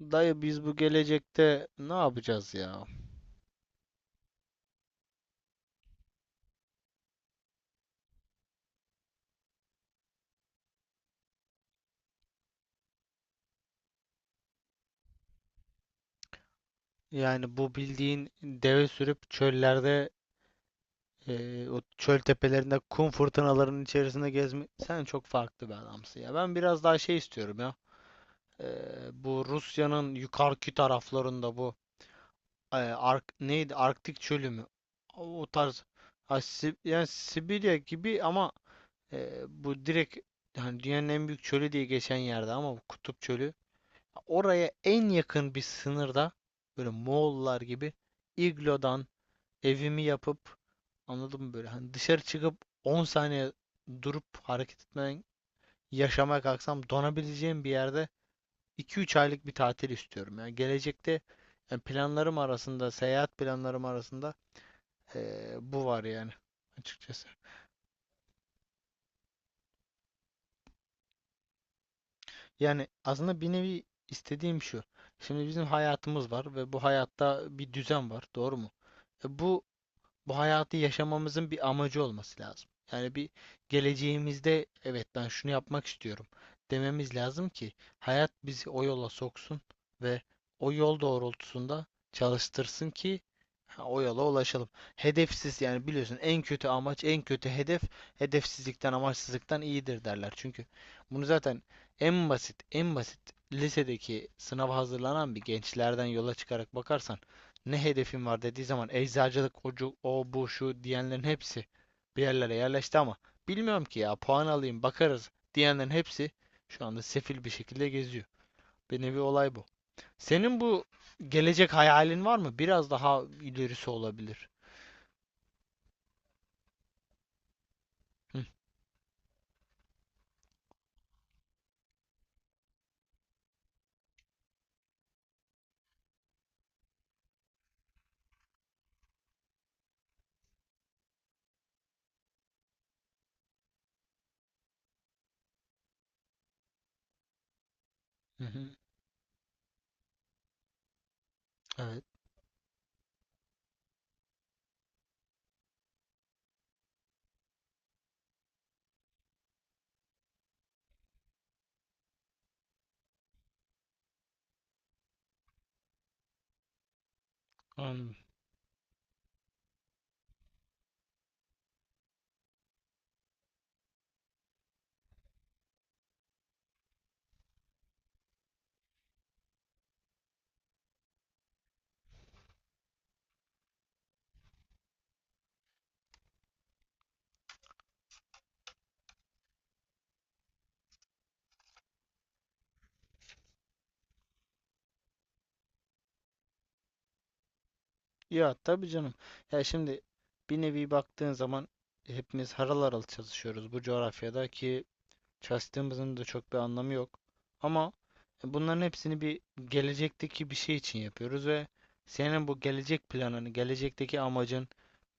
Dayı biz bu gelecekte ne yapacağız ya? Yani bu bildiğin deve sürüp çöllerde o çöl tepelerinde kum fırtınalarının içerisinde gezme sen çok farklı bir adamsın ya. Ben biraz daha şey istiyorum ya. E, bu Rusya'nın yukarıki taraflarında Ark neydi? Arktik çölü mü? O tarz, ha, yani Sibirya gibi, ama bu direkt yani dünyanın en büyük çölü diye geçen yerde, ama bu kutup çölü, oraya en yakın bir sınırda, böyle Moğollar gibi iglodan evimi yapıp, anladın mı, böyle hani dışarı çıkıp 10 saniye durup hareket etmeden yaşamaya kalksam donabileceğim bir yerde 2-3 aylık bir tatil istiyorum. Yani gelecekte, yani planlarım arasında, seyahat planlarım arasında bu var yani, açıkçası. Yani aslında bir nevi istediğim şu. Şimdi bizim hayatımız var ve bu hayatta bir düzen var, doğru mu? Bu bu hayatı yaşamamızın bir amacı olması lazım. Yani bir geleceğimizde evet ben şunu yapmak istiyorum dememiz lazım ki hayat bizi o yola soksun ve o yol doğrultusunda çalıştırsın ki, ha, o yola ulaşalım. Hedefsiz, yani biliyorsun en kötü amaç, en kötü hedef hedefsizlikten, amaçsızlıktan iyidir derler. Çünkü bunu zaten en basit lisedeki sınava hazırlanan bir gençlerden yola çıkarak bakarsan, ne hedefin var dediği zaman eczacılık, ocu, o bu şu diyenlerin hepsi bir yerlere yerleşti, ama bilmiyorum ki, ya puan alayım bakarız diyenlerin hepsi şu anda sefil bir şekilde geziyor. Bir nevi olay bu. Senin bu gelecek hayalin var mı? Biraz daha ilerisi olabilir. Hı, hı, hı. Evet. Anladım. Ya tabii canım. Ya şimdi bir nevi baktığın zaman hepimiz harıl harıl çalışıyoruz bu coğrafyada ki çalıştığımızın da çok bir anlamı yok. Ama bunların hepsini bir gelecekteki bir şey için yapıyoruz ve senin bu gelecek planını, gelecekteki amacın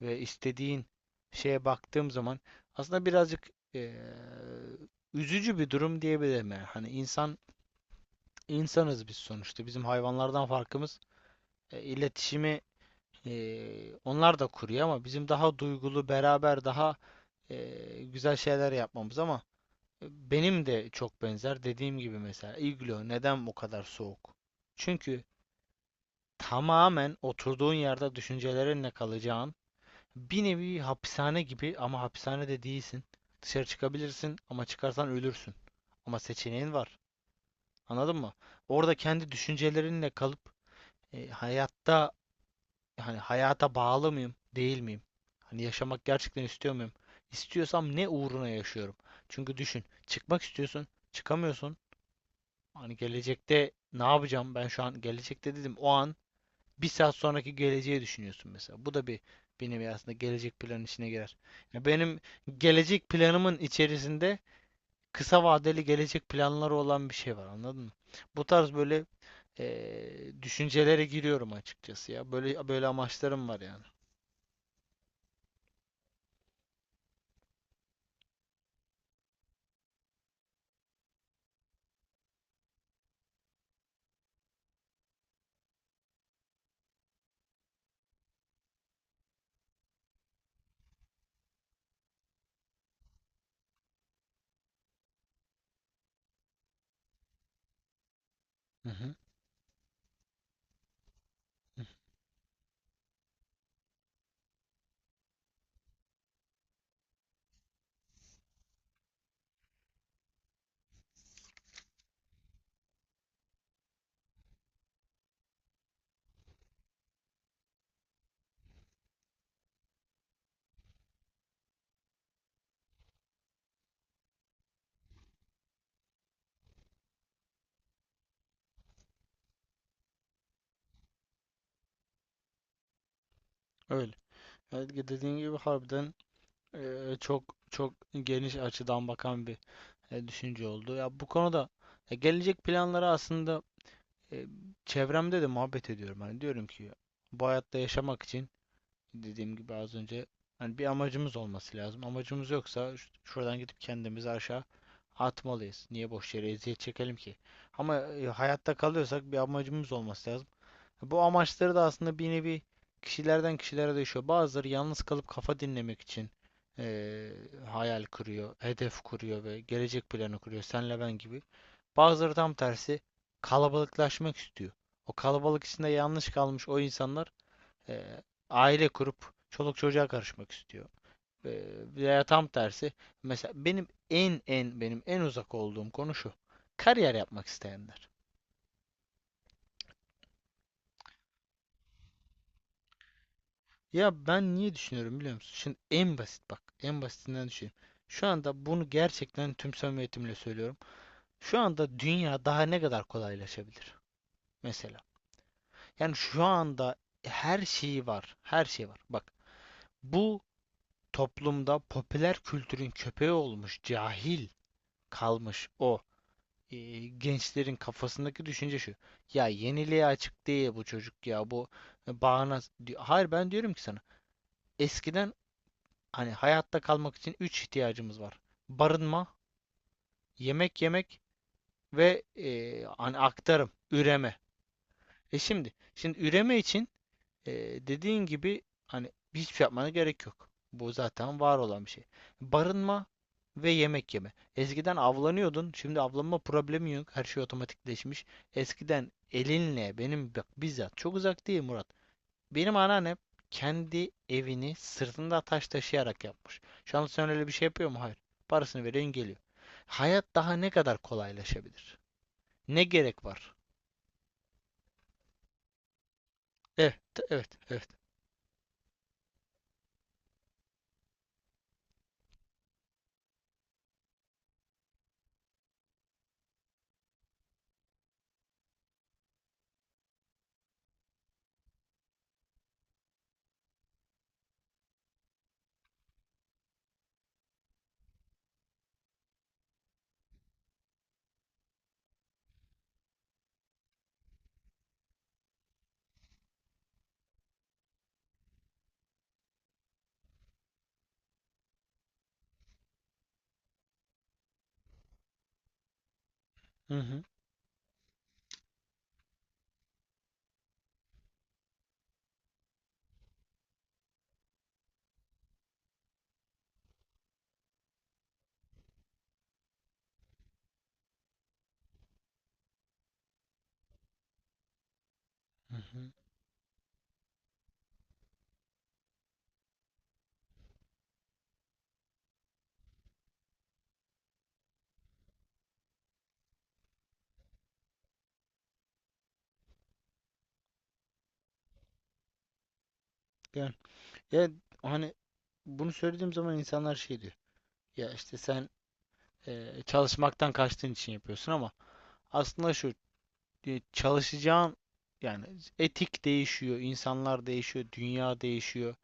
ve istediğin şeye baktığım zaman aslında birazcık üzücü bir durum diyebilirim yani. Hani insanız biz sonuçta. Bizim hayvanlardan farkımız iletişimi onlar da kuruyor, ama bizim daha duygulu, beraber daha güzel şeyler yapmamız, ama benim de çok benzer. Dediğim gibi, mesela iglo neden bu kadar soğuk? Çünkü tamamen oturduğun yerde düşüncelerinle kalacağın bir nevi hapishane gibi, ama hapishanede değilsin. Dışarı çıkabilirsin, ama çıkarsan ölürsün. Ama seçeneğin var. Anladın mı? Orada kendi düşüncelerinle kalıp hayatta, hani hayata bağlı mıyım, değil miyim? Hani yaşamak gerçekten istiyor muyum? İstiyorsam ne uğruna yaşıyorum? Çünkü düşün, çıkmak istiyorsun, çıkamıyorsun. Hani gelecekte ne yapacağım, ben şu an gelecekte dedim, o an bir saat sonraki geleceği düşünüyorsun mesela. Bu da bir, benim aslında gelecek planın içine girer. Ya benim gelecek planımın içerisinde kısa vadeli gelecek planları olan bir şey var, anladın mı? Bu tarz böyle düşüncelere giriyorum açıkçası ya. Böyle amaçlarım var yani. Hı hı. Hı. Öyle. Evet, dediğin gibi harbiden çok çok geniş açıdan bakan bir düşünce oldu. Ya bu konuda, ya gelecek planları aslında, e, çevremde de muhabbet ediyorum. Hani diyorum ki bu hayatta yaşamak için, dediğim gibi az önce, hani bir amacımız olması lazım. Amacımız yoksa şuradan gidip kendimizi aşağı atmalıyız. Niye boş yere eziyet çekelim ki? Ama, hayatta kalıyorsak bir amacımız olması lazım. Bu amaçları da aslında bir nevi kişilerden kişilere değişiyor. Bazıları yalnız kalıp kafa dinlemek için eee, hayal kuruyor, hedef kuruyor ve gelecek planı kuruyor. Senle ben gibi. Bazıları tam tersi kalabalıklaşmak istiyor. O kalabalık içinde yanlış kalmış o insanlar eee, aile kurup çoluk çocuğa karışmak istiyor. Veya tam tersi, mesela benim en uzak olduğum konu şu. Kariyer yapmak isteyenler. Ya ben niye düşünüyorum biliyor musun? Şimdi en basit bak, en basitinden düşüneyim. Şu anda bunu gerçekten tüm samimiyetimle söylüyorum. Şu anda dünya daha ne kadar kolaylaşabilir mesela. Yani şu anda her şeyi var, her şey var. Bak, bu toplumda popüler kültürün köpeği olmuş, cahil kalmış o e, gençlerin kafasındaki düşünce şu. Ya yeniliğe açık değil bu çocuk, ya bu bağnaz, diyor. Hayır, ben diyorum ki sana. Eskiden, hani hayatta kalmak için 3 ihtiyacımız var. Barınma, yemek yemek ve, hani aktarım, üreme. Şimdi üreme için, e, dediğin gibi, hani hiçbir şey yapmana gerek yok. Bu zaten var olan bir şey. Barınma ve yemek yeme. Eskiden avlanıyordun, şimdi avlanma problemi yok. Her şey otomatikleşmiş. Eskiden elinle, benim bak bizzat çok uzak değil Murat. Benim anneannem kendi evini sırtında taş taşıyarak yapmış. Şu anda sen öyle bir şey yapıyor mu? Hayır. Parasını veriyorsun geliyor. Hayat daha ne kadar kolaylaşabilir? Ne gerek var? Evet, evet, evet. Hı hı, hı hı. Yani, yani, hani bunu söylediğim zaman insanlar şey diyor. Ya işte sen çalışmaktan kaçtığın için yapıyorsun, ama aslında şu çalışacağın yani etik değişiyor, insanlar değişiyor, dünya değişiyor.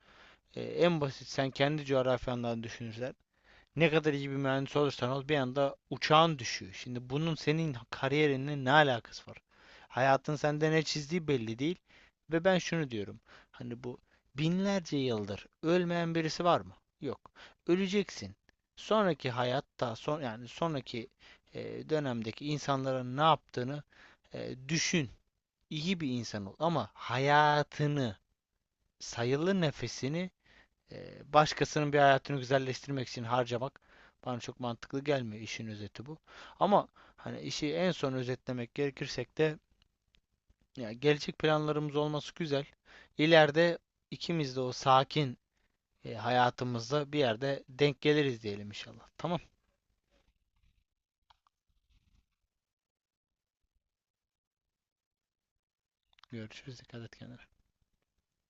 E, en basit sen kendi coğrafyandan düşünürsen, ne kadar iyi bir mühendis olursan ol bir anda uçağın düşüyor. Şimdi bunun senin kariyerinle ne alakası var? Hayatın sende ne çizdiği belli değil ve ben şunu diyorum. Hani bu binlerce yıldır ölmeyen birisi var mı? Yok. Öleceksin. Sonraki hayatta son, yani sonraki dönemdeki insanların ne yaptığını düşün. İyi bir insan ol, ama hayatını, sayılı nefesini başkasının bir hayatını güzelleştirmek için harcamak bana çok mantıklı gelmiyor, işin özeti bu. Ama hani işi en son özetlemek gerekirsek de, ya gelecek planlarımız olması güzel. İleride ikimiz de o sakin hayatımızda bir yerde denk geliriz diyelim inşallah. Tamam. Görüşürüz. Dikkat et kendine.